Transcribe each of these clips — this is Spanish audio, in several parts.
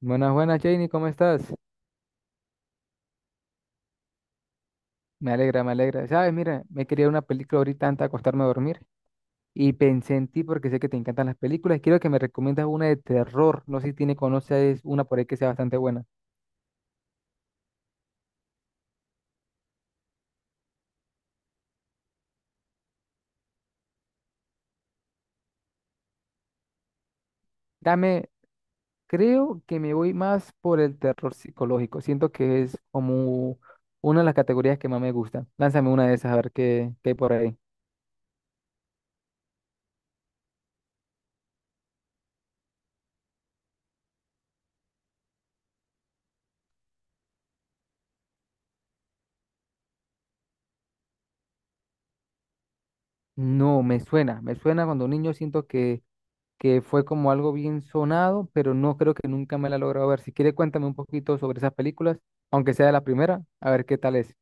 Buenas, buenas, Janie, ¿cómo estás? Me alegra, me alegra. Sabes, mira, me quería una película ahorita antes de acostarme a dormir y pensé en ti porque sé que te encantan las películas y quiero que me recomiendas una de terror. No sé si tiene, conoces una por ahí que sea bastante buena. Dame, creo que me voy más por el terror psicológico. Siento que es como una de las categorías que más me gusta. Lánzame una de esas a ver qué hay por ahí. No, me suena cuando niño siento que fue como algo bien sonado, pero no creo que nunca me la he logrado ver. Si quiere, cuéntame un poquito sobre esas películas, aunque sea la primera, a ver qué tal es.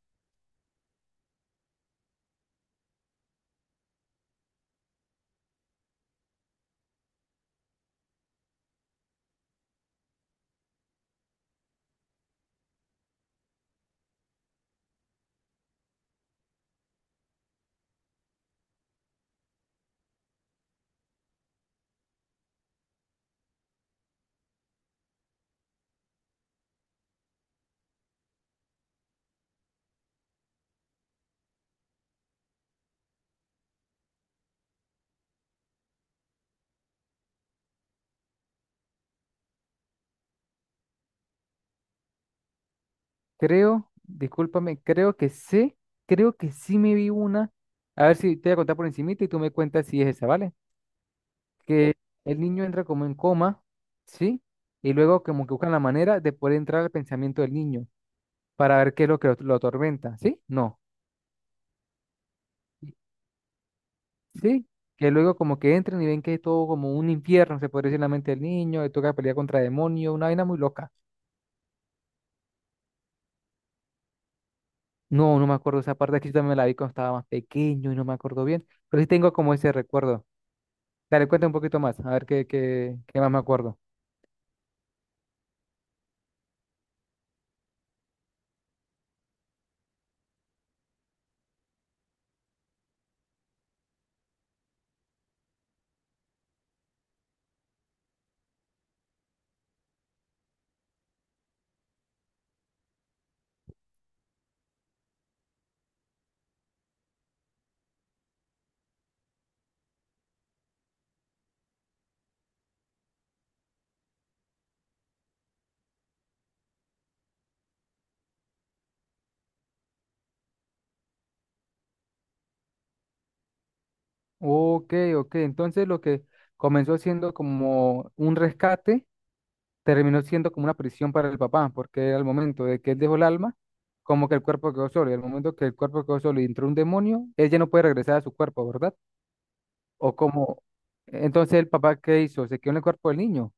Creo, discúlpame, creo que sé, creo que sí me vi una. A ver si te voy a contar por encimita y tú me cuentas si es esa, ¿vale? Que el niño entra como en coma, ¿sí? Y luego como que buscan la manera de poder entrar al pensamiento del niño para ver qué es lo que lo atormenta, ¿sí? No. Sí, que luego como que entran y ven que es todo como un infierno, se podría decir en la mente del niño, le toca pelear contra demonios, una vaina muy loca. No, no me acuerdo esa parte, aquí yo también me la vi cuando estaba más pequeño y no me acuerdo bien, pero sí tengo como ese recuerdo. Dale, cuenta un poquito más, a ver qué más me acuerdo. Ok, ok, entonces lo que comenzó siendo como un rescate, terminó siendo como una prisión para el papá, porque al momento de que él dejó el alma, como que el cuerpo quedó solo, y al momento que el cuerpo quedó solo y entró un demonio, él ya no puede regresar a su cuerpo, ¿verdad? O como, entonces el papá, ¿qué hizo? ¿Se quedó en el cuerpo del niño?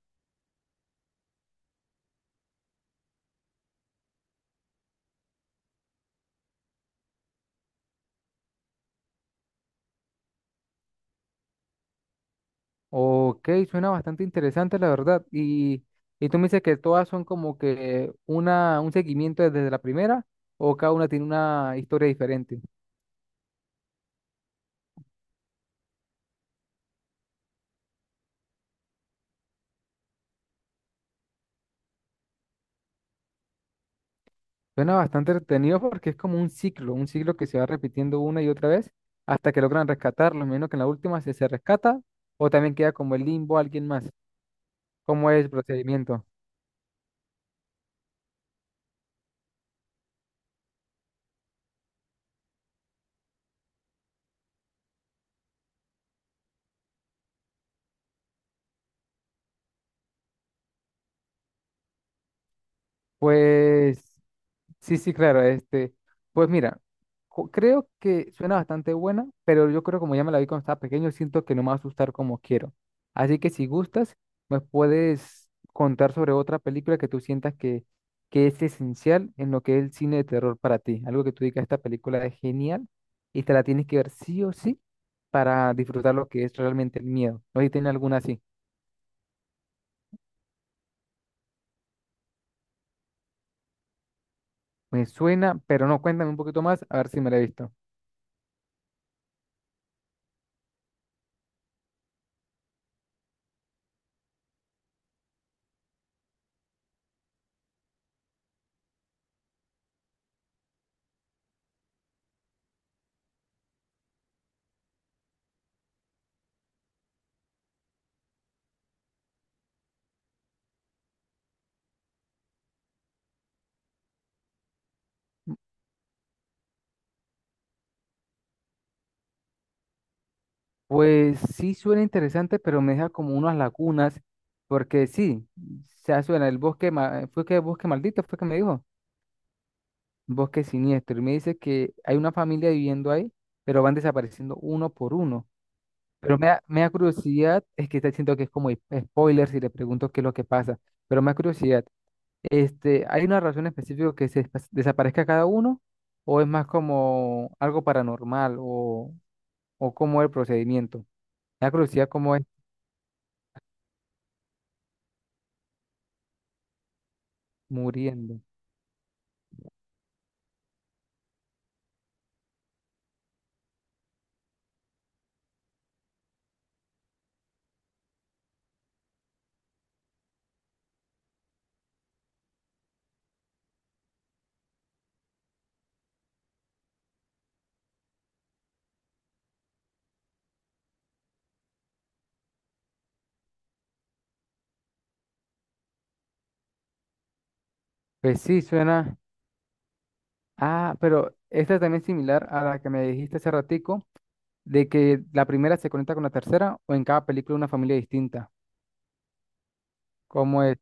Ok, suena bastante interesante, la verdad. Y tú me dices que todas son como que una, un seguimiento desde la primera, o cada una tiene una historia diferente. Suena bastante entretenido porque es como un ciclo que se va repitiendo una y otra vez hasta que logran rescatarlo. Menos que en la última se rescata, o también queda como el limbo alguien más. ¿Cómo es el procedimiento? Pues. Sí, sí, claro, este, pues mira, creo que suena bastante buena, pero yo creo como ya me la vi cuando estaba pequeño, siento que no me va a asustar como quiero. Así que si gustas, me puedes contar sobre otra película que tú sientas que es esencial en lo que es el cine de terror para ti. Algo que tú digas, esta película es genial y te la tienes que ver sí o sí para disfrutar lo que es realmente el miedo. No sé si tiene alguna así. Me suena, pero no, cuéntame un poquito más, a ver si me la he visto. Pues sí suena interesante, pero me deja como unas lagunas, porque sí, se suena el bosque, fue que bosque maldito, fue que me dijo, bosque siniestro, y me dice que hay una familia viviendo ahí, pero van desapareciendo uno por uno. Pero me da curiosidad, es que está diciendo que es como spoiler si le pregunto qué es lo que pasa, pero me da curiosidad, este, ¿hay una razón específica que se desaparezca cada uno o es más como algo paranormal o cómo es el procedimiento? Me da curiosidad cómo es. Muriendo. Pues sí, suena. Ah, pero esta también es similar a la que me dijiste hace ratico, de que la primera se conecta con la tercera o en cada película una familia distinta. ¿Cómo es?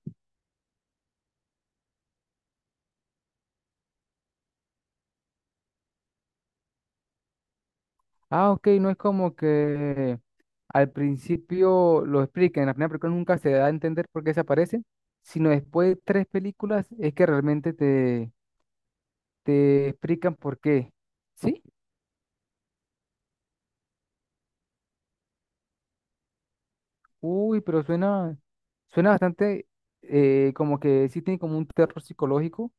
Ah, ok, no es como que al principio lo expliquen, en la primera película nunca se da a entender por qué se aparece, sino después de tres películas es que realmente te explican por qué. ¿Sí? Uy, pero suena bastante como que sí tiene como un terror psicológico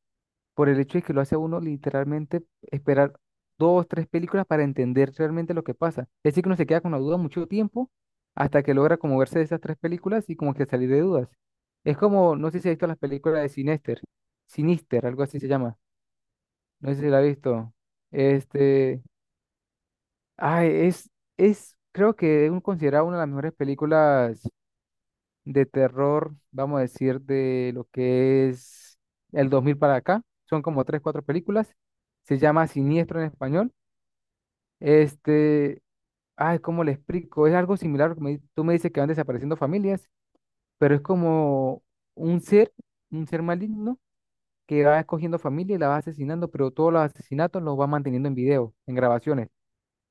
por el hecho de que lo hace a uno literalmente esperar dos, tres películas para entender realmente lo que pasa. Es decir, que uno se queda con la duda mucho tiempo hasta que logra como verse de esas tres películas y como que salir de dudas. Es como, no sé si has visto las películas de Sinister, Sinister, algo así se llama. No sé si la has visto. Este, ay, creo que es considerado una de las mejores películas de terror, vamos a decir, de lo que es el 2000 para acá. Son como tres, cuatro películas. Se llama Siniestro en español. Este, ay, ¿cómo le explico? Es algo similar, porque tú me dices que van desapareciendo familias, pero es como un ser, un ser maligno que va escogiendo familia y la va asesinando, pero todos los asesinatos los va manteniendo en video, en grabaciones.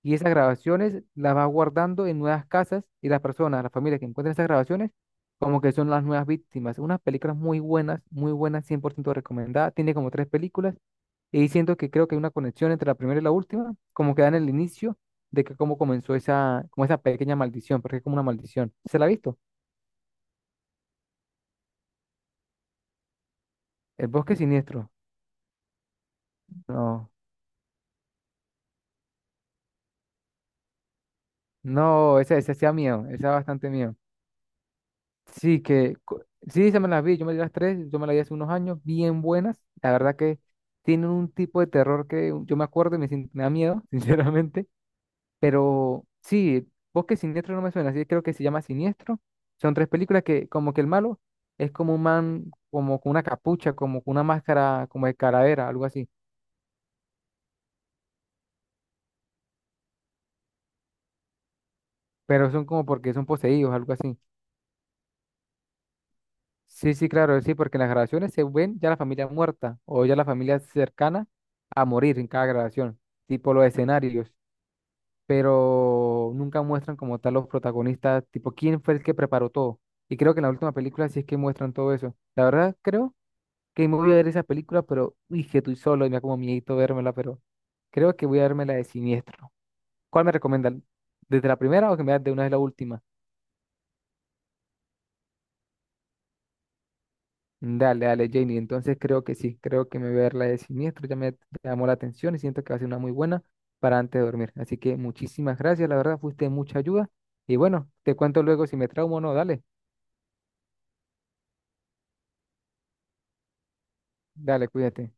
Y esas grabaciones las va guardando en nuevas casas y las personas, las familias que encuentran esas grabaciones, como que son las nuevas víctimas. Unas películas muy buenas, 100% recomendada. Tiene como tres películas y siento que creo que hay una conexión entre la primera y la última, como que dan el inicio de que cómo comenzó esa, como esa pequeña maldición, porque es como una maldición. ¿Se la ha visto? El bosque siniestro. No, no, esa sí da miedo, esa da bastante miedo. Sí, que sí, se me las vi, yo me di las tres, yo me las vi hace unos años, bien buenas. La verdad que tienen un tipo de terror que yo me acuerdo y me, sin- me da miedo, sinceramente. Pero sí, Bosque Siniestro no me suena, así que creo que se llama Siniestro. Son tres películas que como que el malo es como un man, como con una capucha, como con una máscara, como de calavera, algo así. Pero son como porque son poseídos, algo así. Sí, sí, claro, sí, porque en las grabaciones se ven ya la familia muerta o ya la familia cercana a morir en cada grabación, tipo los escenarios, pero nunca muestran como tal los protagonistas, tipo quién fue el que preparó todo. Y creo que en la última película sí es que muestran todo eso. La verdad, creo que me voy a ver esa película, pero uy, que estoy solo y me da como miedito vérmela, pero creo que voy a verme la de Siniestro. ¿Cuál me recomiendan? ¿Desde la primera o que me veas de una vez la última? Dale, dale, Janie. Entonces creo que sí, creo que me voy a ver la de Siniestro. Ya me llamó la atención y siento que va a ser una muy buena para antes de dormir. Así que muchísimas gracias, la verdad, fuiste de mucha ayuda. Y bueno, te cuento luego si me traumo o no. Dale, dale, cuídate.